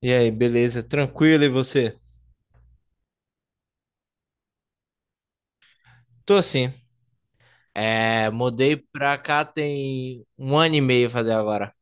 E aí, beleza? Tranquilo e você? Tô assim. Mudei pra cá tem um ano e meio fazer agora.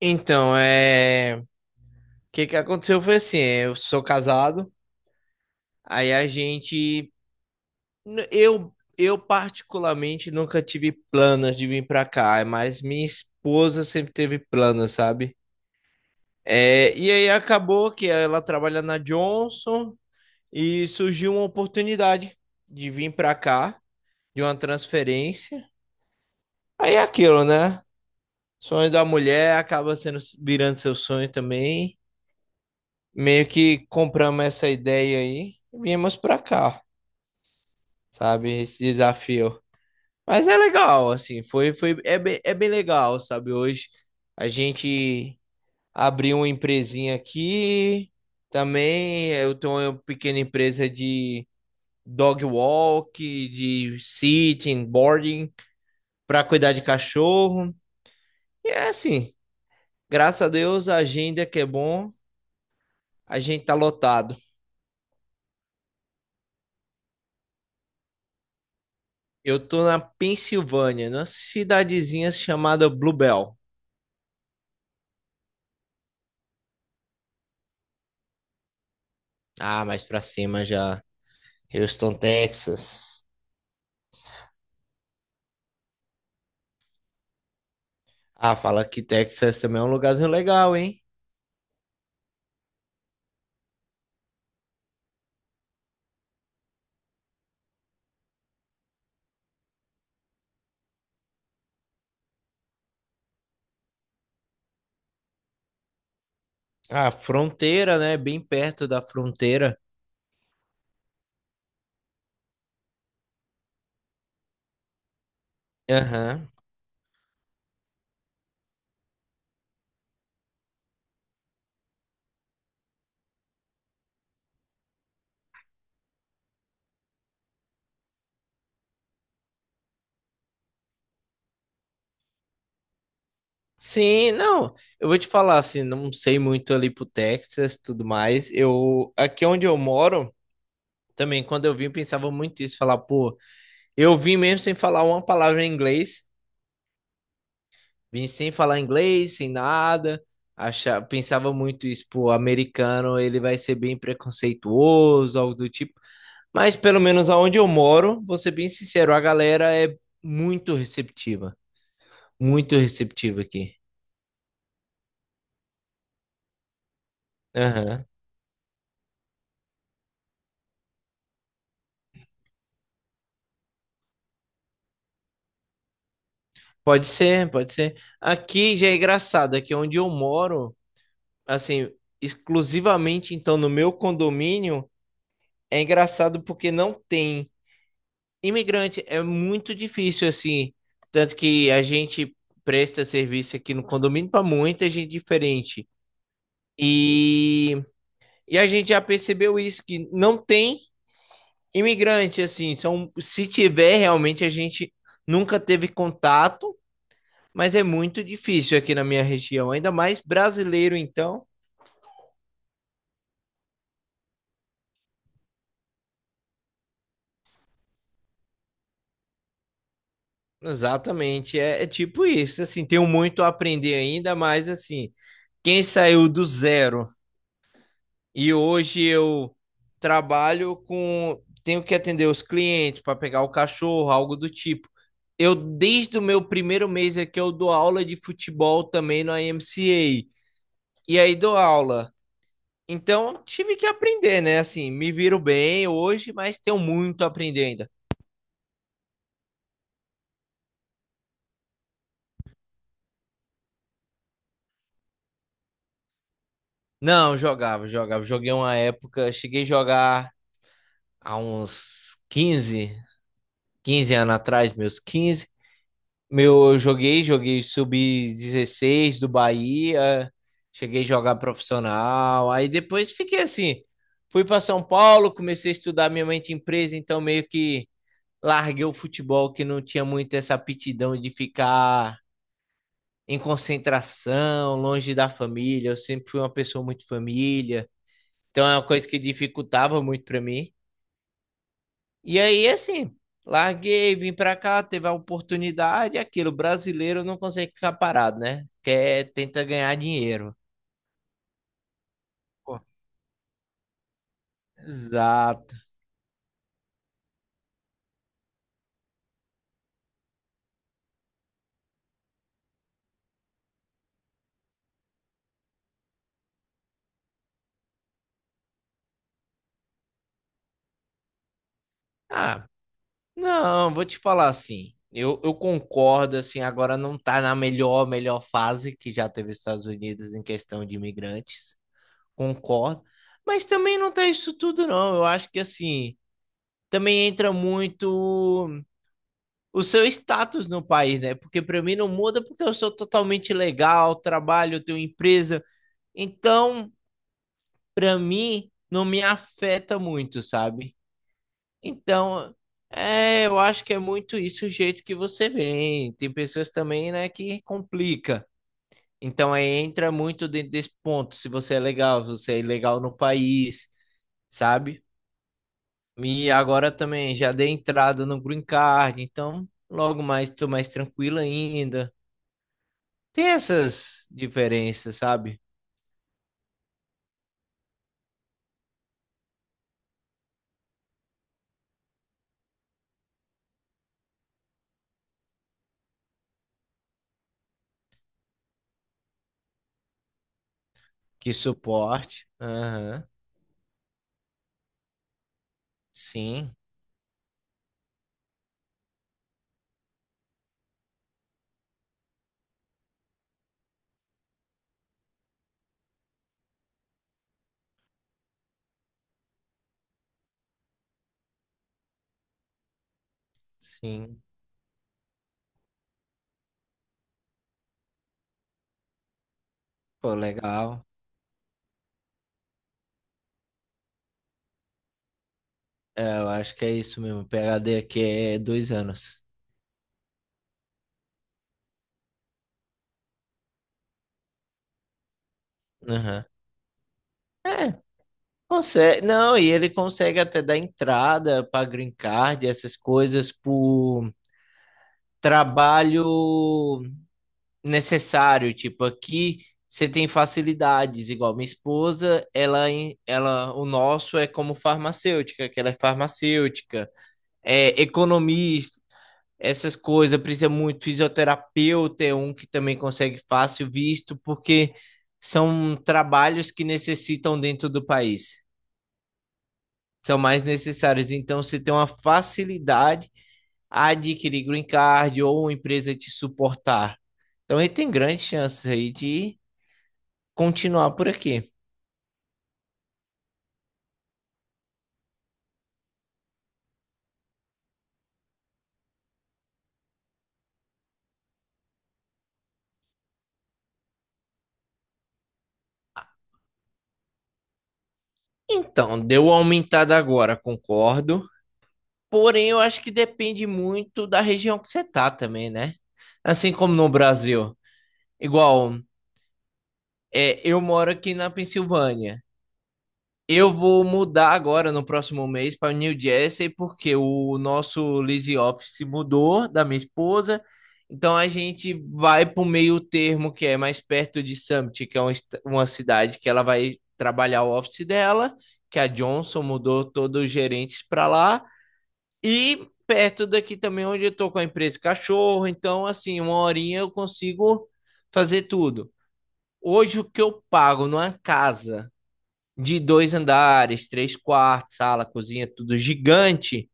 Então, o que que aconteceu foi assim, eu sou casado, aí, a gente eu particularmente nunca tive planos de vir pra cá, mas minha esposa sempre teve planos, sabe? E aí acabou que ela trabalha na Johnson e surgiu uma oportunidade de vir pra cá, de uma transferência. Aí é aquilo, né? Sonho da mulher acaba sendo virando seu sonho também. Meio que compramos essa ideia aí e viemos pra cá, sabe? Esse desafio. Mas é legal, assim, é bem legal, sabe? Hoje a gente abriu uma empresinha aqui. Também eu tenho uma pequena empresa de dog walk, de sitting, boarding, para cuidar de cachorro. E é assim, graças a Deus, a agenda que é bom, a gente tá lotado. Eu tô na Pensilvânia, numa cidadezinha chamada Bluebell. Ah, mais pra cima já. Houston, Texas. Ah, fala que Texas também é um lugarzinho legal, hein? Ah, fronteira, né? Bem perto da fronteira. Aham. Sim, não. Eu vou te falar assim, não sei muito ali pro Texas, tudo mais. Eu aqui onde eu moro, também, quando eu vim, eu pensava muito isso, falar, pô, eu vim mesmo sem falar uma palavra em inglês, vim sem falar inglês, sem nada, achava, pensava muito isso, pô, americano, ele vai ser bem preconceituoso, algo do tipo, mas pelo menos aonde eu moro, vou ser bem sincero, a galera é muito receptiva, muito receptiva aqui. Aham. Pode ser, pode ser. Aqui já é engraçado, aqui onde eu moro, assim, exclusivamente então no meu condomínio, é engraçado porque não tem. Imigrante é muito difícil, assim. Tanto que a gente presta serviço aqui no condomínio para muita gente diferente. E, e a gente já percebeu isso, que não tem imigrante, assim. São, se tiver, realmente a gente nunca teve contato, mas é muito difícil aqui na minha região. Ainda mais brasileiro, então. Exatamente, é tipo isso, assim, tenho muito a aprender ainda, mas assim, quem saiu do zero e hoje eu trabalho com. Tenho que atender os clientes para pegar o cachorro, algo do tipo. Eu, desde o meu primeiro mês é que eu dou aula de futebol também no IMCA. E aí dou aula. Então, tive que aprender, né? Assim, me viro bem hoje, mas tenho muito a aprender ainda. Não, jogava, jogava. Joguei uma época, cheguei a jogar há uns quinze anos atrás, eu joguei sub 16 do Bahia, cheguei a jogar profissional, aí depois fiquei assim, fui para São Paulo, comecei a estudar minha mente empresa, então meio que larguei o futebol que não tinha muito essa aptidão de ficar em concentração, longe da família, eu sempre fui uma pessoa muito família, então é uma coisa que dificultava muito para mim. E aí, assim, larguei, vim pra cá, teve a oportunidade, aquilo, brasileiro não consegue ficar parado, né? Quer, tenta ganhar dinheiro. Pô, exato. Ah, não, vou te falar assim. Eu concordo, assim, agora não tá na melhor, melhor fase que já teve os Estados Unidos em questão de imigrantes. Concordo. Mas também não tá isso tudo, não. Eu acho que, assim, também entra muito, o seu status no país, né? Porque para mim não muda porque eu sou totalmente legal, trabalho, tenho empresa. Então, para mim não me afeta muito, sabe? Então, eu acho que é muito isso o jeito que você vem. Tem pessoas também, né, que complica. Então, aí entra muito dentro desse ponto, se você é legal, se você é legal no país, sabe? E agora também já dei entrada no Green Card, então logo mais estou mais tranquilo ainda. Tem essas diferenças, sabe? Que suporte. Aham. Sim, sim. Pô, legal. É, eu acho que é isso mesmo. PhD aqui é 2 anos. Aham. É, consegue. Não, e ele consegue até dar entrada para green card, essas coisas, por trabalho necessário. Tipo, aqui você tem facilidades, igual minha esposa, ela, ela, o nosso é como farmacêutica, que ela é farmacêutica. Economista, essas coisas, precisa muito fisioterapeuta, é um que também consegue fácil visto, porque são trabalhos que necessitam dentro do país, são mais necessários. Então, você tem uma facilidade a adquirir green card ou uma empresa te suportar. Então, ele tem grandes chances aí de continuar por aqui. Então, deu uma aumentada agora, concordo. Porém, eu acho que depende muito da região que você tá também, né? Assim como no Brasil. Igual, eu moro aqui na Pensilvânia. Eu vou mudar agora no próximo mês para New Jersey porque o nosso lease office mudou da minha esposa. Então a gente vai para o meio termo que é mais perto de Summit, que é uma cidade que ela vai trabalhar o office dela, que a Johnson mudou todos os gerentes para lá e perto daqui também onde eu tô com a empresa Cachorro. Então assim, uma horinha eu consigo fazer tudo. Hoje, o que eu pago numa casa de 2 andares, 3 quartos, sala, cozinha, tudo gigante,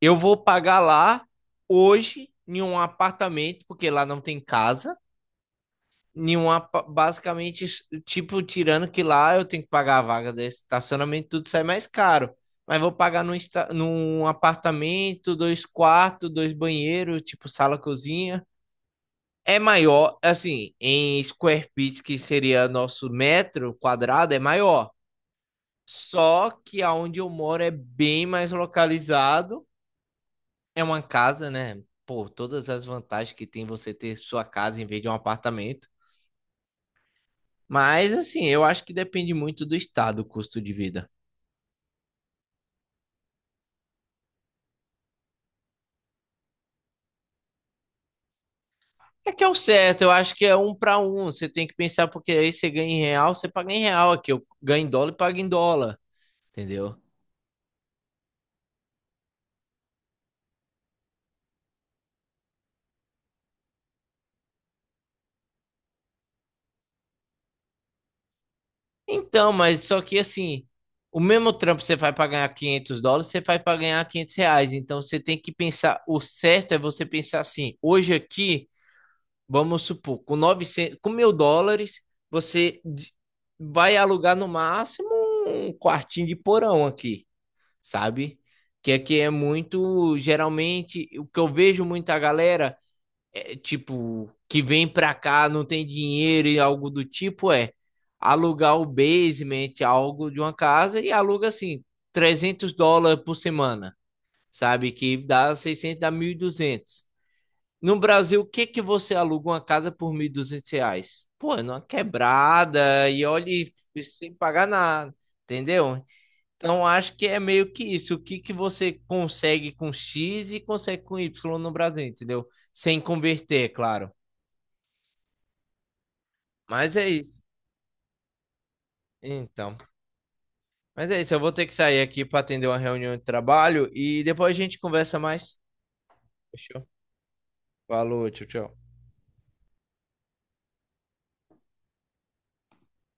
eu vou pagar lá hoje em um apartamento, porque lá não tem casa. Nenhuma, basicamente, tipo, tirando que lá eu tenho que pagar a vaga de estacionamento, tudo sai mais caro. Mas vou pagar num apartamento, 2 quartos, 2 banheiros, tipo sala, cozinha. É maior, assim, em square feet, que seria nosso metro quadrado, é maior. Só que aonde eu moro é bem mais localizado. É uma casa, né? Pô, todas as vantagens que tem você ter sua casa em vez de um apartamento. Mas, assim, eu acho que depende muito do estado, o custo de vida. É que é o certo, eu acho que é um para um. Você tem que pensar, porque aí você ganha em real, você paga em real aqui. Eu ganho em dólar e pago em dólar, entendeu? Então, mas só que assim, o mesmo trampo que você faz para ganhar 500 dólares, você faz para ganhar 500 reais. Então, você tem que pensar, o certo é você pensar assim, hoje aqui, vamos supor, com 900, com 1.000 dólares, você d- vai alugar no máximo um quartinho de porão aqui, sabe? Que aqui é muito, geralmente, o que eu vejo muita galera é, tipo, que vem pra cá, não tem dinheiro e algo do tipo, é alugar o basement, algo de uma casa e aluga assim, 300 dólares por semana, sabe? Que dá 600 dá 1.200. No Brasil, o que que você aluga uma casa por 1.200 reais? Pô, é numa quebrada e olhe sem pagar nada, entendeu? Então, acho que é meio que isso. O que que você consegue com X e consegue com Y no Brasil, entendeu? Sem converter, é claro. Mas é isso. Então. Mas é isso. Eu vou ter que sair aqui para atender uma reunião de trabalho e depois a gente conversa mais. Fechou? Falou, tchau, tchau.